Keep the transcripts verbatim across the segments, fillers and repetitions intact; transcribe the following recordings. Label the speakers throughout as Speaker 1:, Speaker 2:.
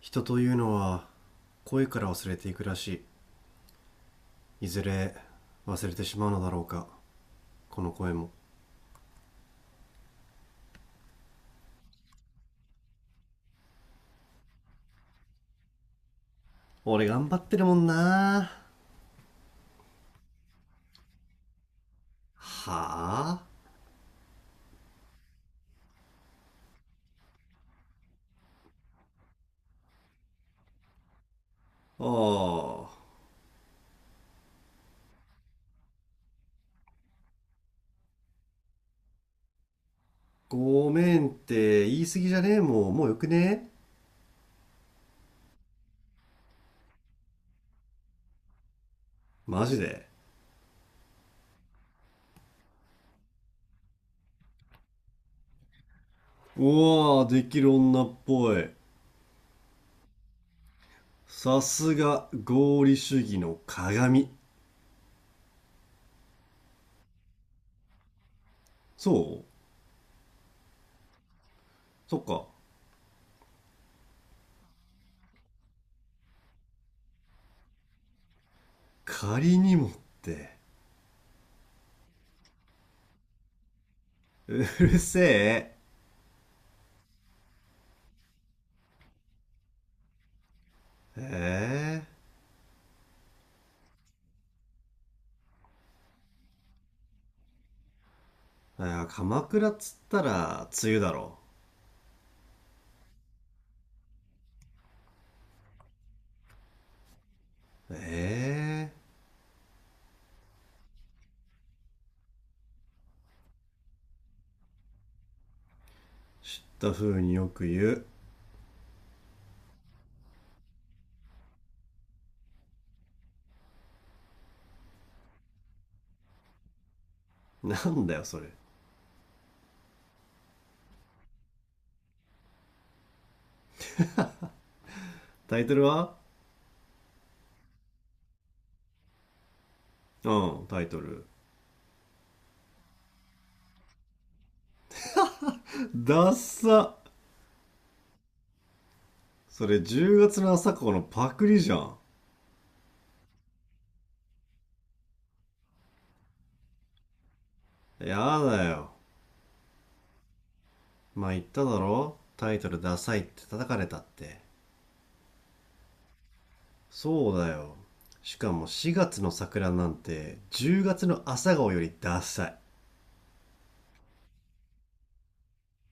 Speaker 1: 人というのは声から忘れていくらしい。いずれ忘れてしまうのだろうか。この声も。俺頑張ってるもんな。はあ。ああ。ごめんって言い過ぎじゃねえもん。もうよくねえ。マジで。うわあ、できる女っぽい。さすが合理主義の鏡。そう。そっか。仮にもって。うるせえ。ええー。あー、鎌倉っつったら梅雨だろ。えー。知った風によく言う。なんだよそれ。タイトルは？うん、タイトル。ダッサ。それ、じゅうがつの朝顔のパクリじゃん。やだよ。まあ言っただろ、タイトルダサいって叩かれたって。そうだよ。しかもしがつの桜なんてじゅうがつの朝顔よりダサい。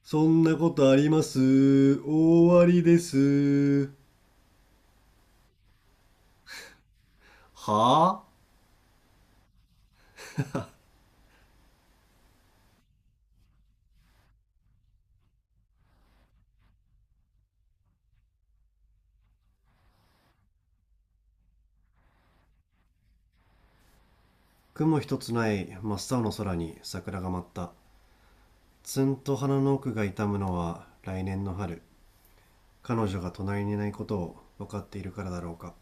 Speaker 1: そんなことあります。終わりです。はあ。雲一つない真っ青の空に桜が舞った。ツンと鼻の奥が痛むのは来年の春。彼女が隣にいないことを分かっているからだろうか。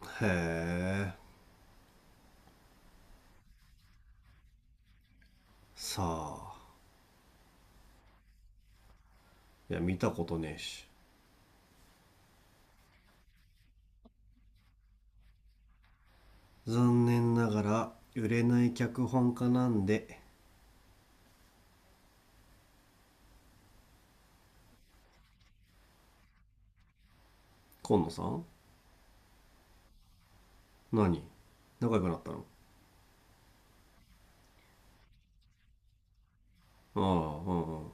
Speaker 1: へえ。さあ。いや、見たことねえし。残念ながら売れない脚本家なんで。今野さん？何、仲良くなったの？ああ、うんうん。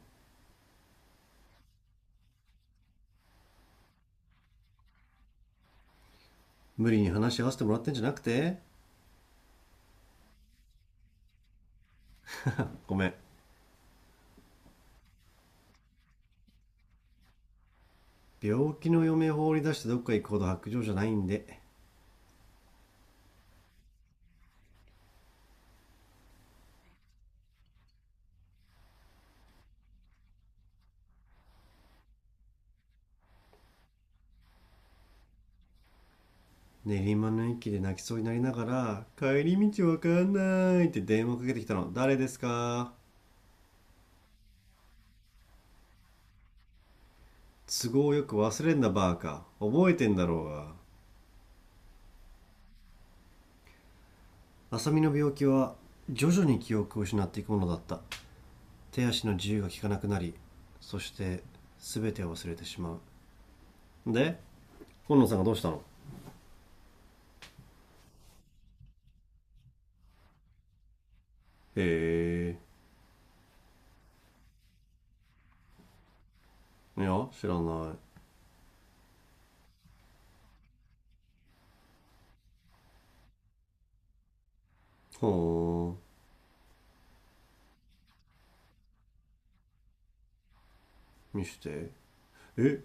Speaker 1: 無理に話し合わせてもらってんじゃなくて。ごめん。病気の嫁放り出してどっか行くほど白状じゃないんで。練馬の駅で泣きそうになりながら、帰り道わかんないって電話かけてきたの、誰ですか？都合よく忘れんなバーカ。覚えてんだろうが。浅見の病気は徐々に記憶を失っていくものだった。手足の自由が利かなくなり、そして全てを忘れてしまう。で、今野さんがどうしたの？へえ、いや、知らない。ほー、見して。え、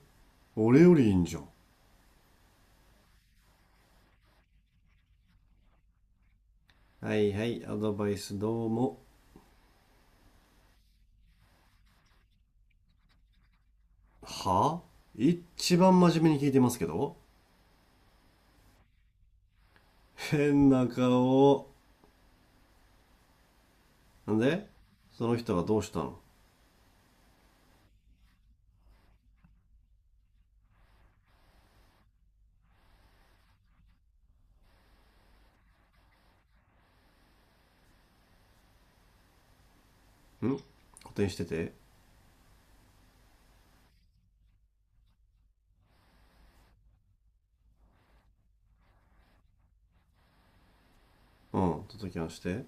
Speaker 1: 俺よりいいんじゃん。はいはい、アドバイスどうも。はあ。一番真面目に聞いてますけど。変な顔。なんで、その人がどうしたのん？補填してて。うん、届きましてへ。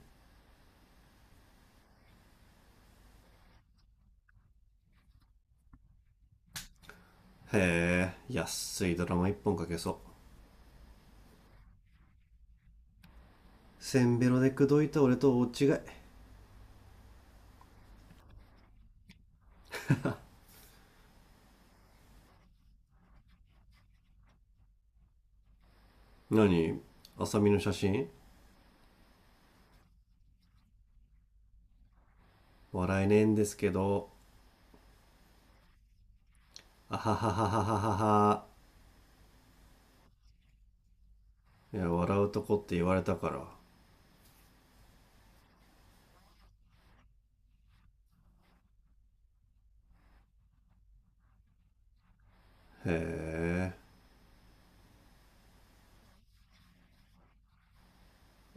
Speaker 1: え、安いドラマ一本かけそう。せんべろで口説いた俺と大違い。何？あさみの写真？笑えねえんですけど。あはははははは。いや、笑うとこって言われたから。へえ。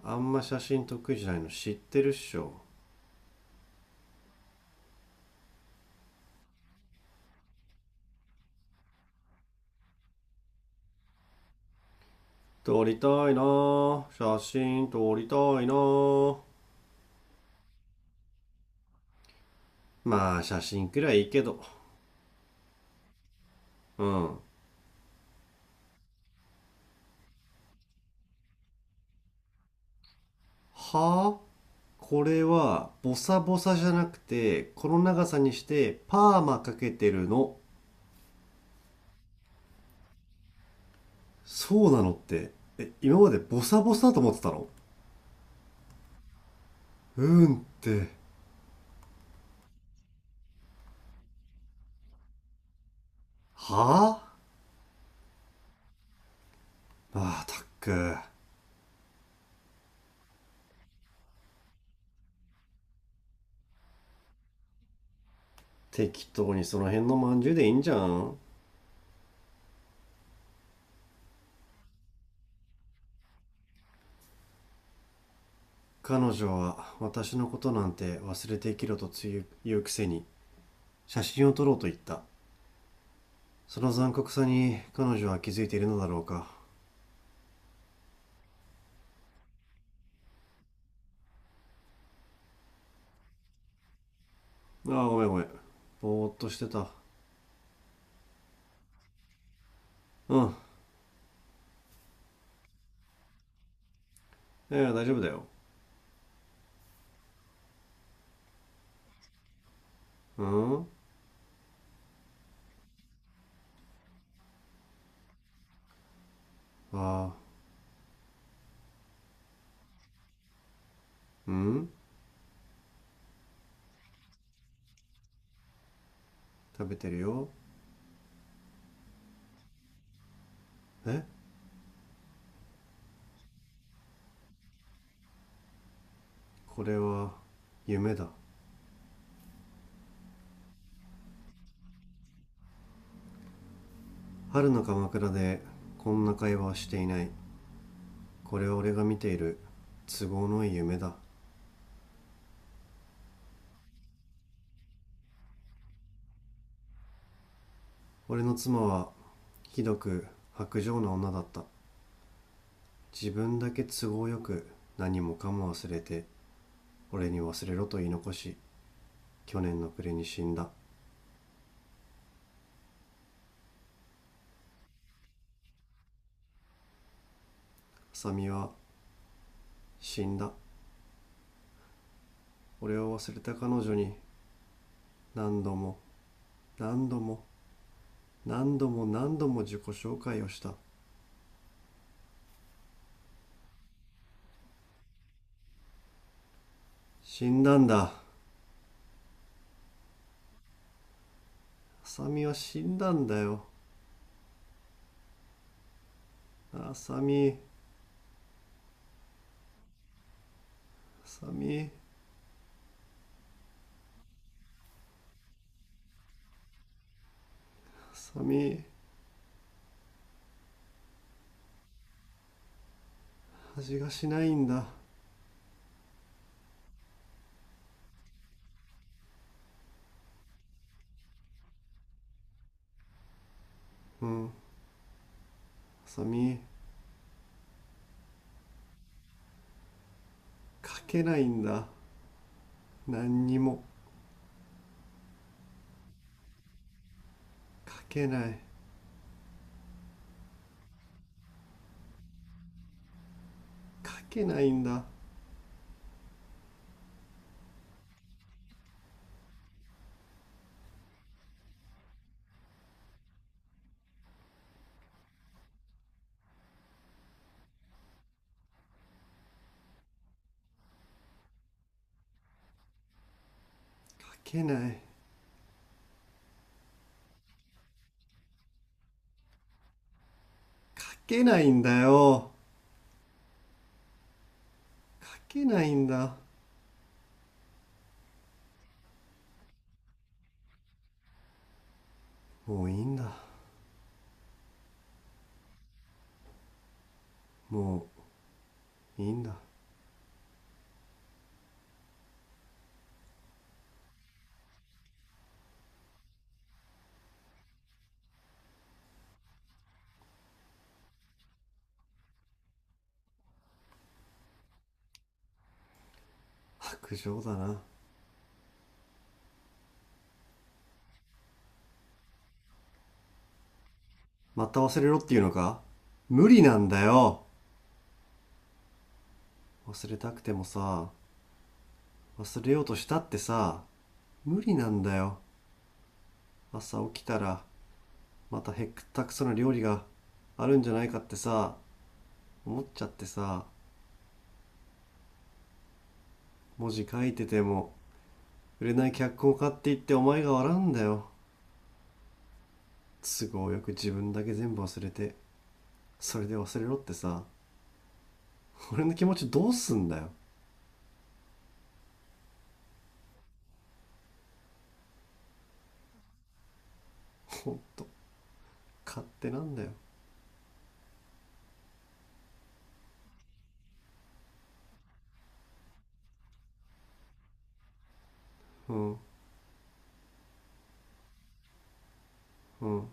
Speaker 1: あんま写真得意じゃないの知ってるっしょ？撮りたいなぁ、写真撮りたいなぁ。まあ写真くらいいいけど。うん、はぁ。これはボサボサじゃなくて、この長さにしてパーマかけてるの。そうなのって？え、今までボサボサだと思ってたの？うんって？はあ。まあたっく。適当にその辺のまんじゅうでいいんじゃん。彼女は私のことなんて忘れて生きろとつゆ言うくせに、写真を撮ろうと言った。その残酷さに彼女は気づいているのだろうか。ああ、ごめんごめん。ぼーっとしてた。うん。いやいや、大丈夫だよ。うん。ああ。うん。食べてるよ。え。これは夢だ。春の鎌倉でこんな会話はしていない。これは俺が見ている都合のいい夢だ。俺の妻はひどく薄情な女だった。自分だけ都合よく何もかも忘れて、俺に忘れろと言い残し、去年の暮れに死んだ。浅見は死んだ。俺を忘れた彼女に何度も、何度も、何度も何度も自己紹介をした。死んだんだ。浅見は死んだんだよ。浅見。浅見。浅見。味がしないんだ。うん。浅見。書けないんだ。何にも。書けない。書けないんだ。書けない。書けないんだよ。書けないんだ。もういいんだ。もういいんだ。白状だな。また忘れろっていうのか。無理なんだよ。忘れたくてもさ。忘れようとしたってさ。無理なんだよ。朝起きたらまたへったくそな料理があるんじゃないかってさ。思っちゃってさ。文字書いてても、売れない脚本を買って言ってお前が笑うんだよ。都合よく自分だけ全部忘れて、それで忘れろってさ。俺の気持ちどうすんだよ。ほんと、勝手なんだよ。うん。うん。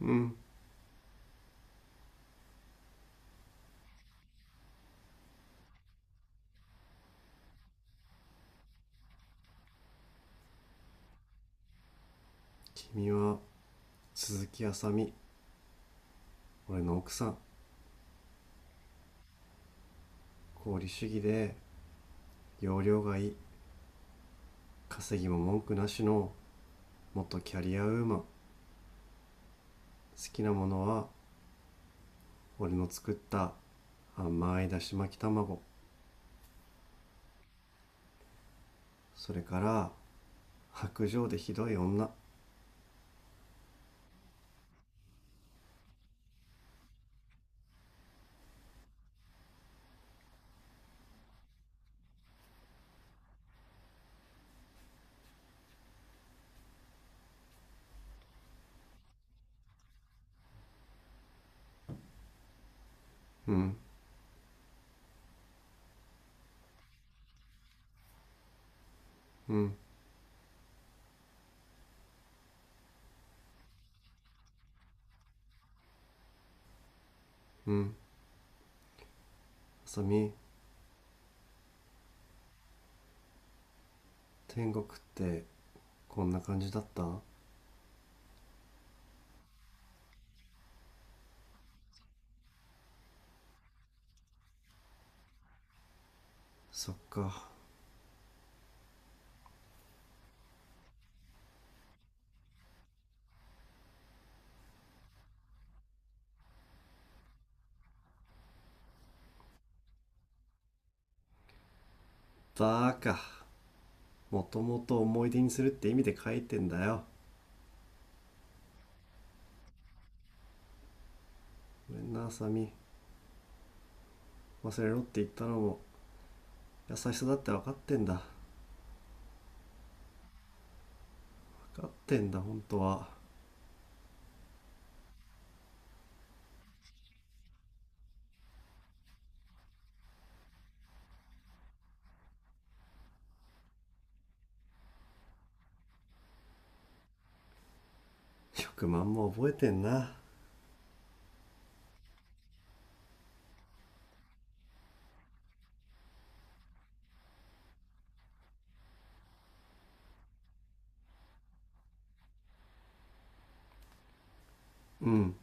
Speaker 1: うん。君は鈴木あさみ、俺の奥さん。功利主義で容量がいい、稼ぎも文句なしの元キャリアウーマン。好きなものは俺の作った甘いだし巻き卵。それから白状でひどい女。うん、うん、うん。あさみ、天国ってこんな感じだった？そっか。バーカ、もともと思い出にするって意味で書いてんだよ。ごめんな、あさみ。忘れろって言ったのも優しさだって分かってんだ。分かってんだ、本当は。じゅうま万も覚えてんな。うん、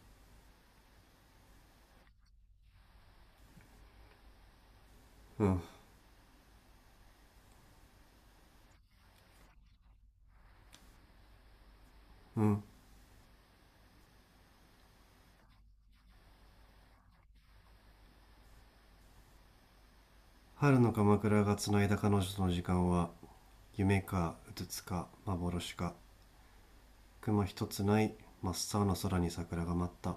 Speaker 1: うん、うん。春の鎌倉がつないだ彼女との時間は、夢かうつつか幻か。雲一つない真っ青な空に桜が舞った。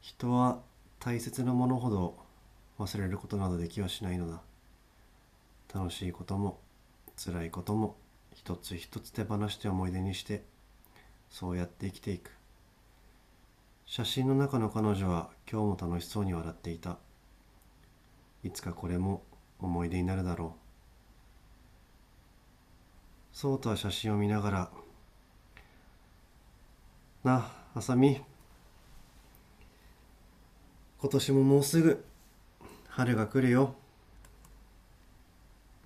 Speaker 1: 人は大切なものほど忘れることなどできはしないのだ。楽しいことも、辛いことも、一つ一つ手放して思い出にして、そうやって生きていく。写真の中の彼女は今日も楽しそうに笑っていた。いつかこれも思い出になるだろう。そうとは写真を見ながら、なあ、あさみ、今年ももうすぐ春が来るよ。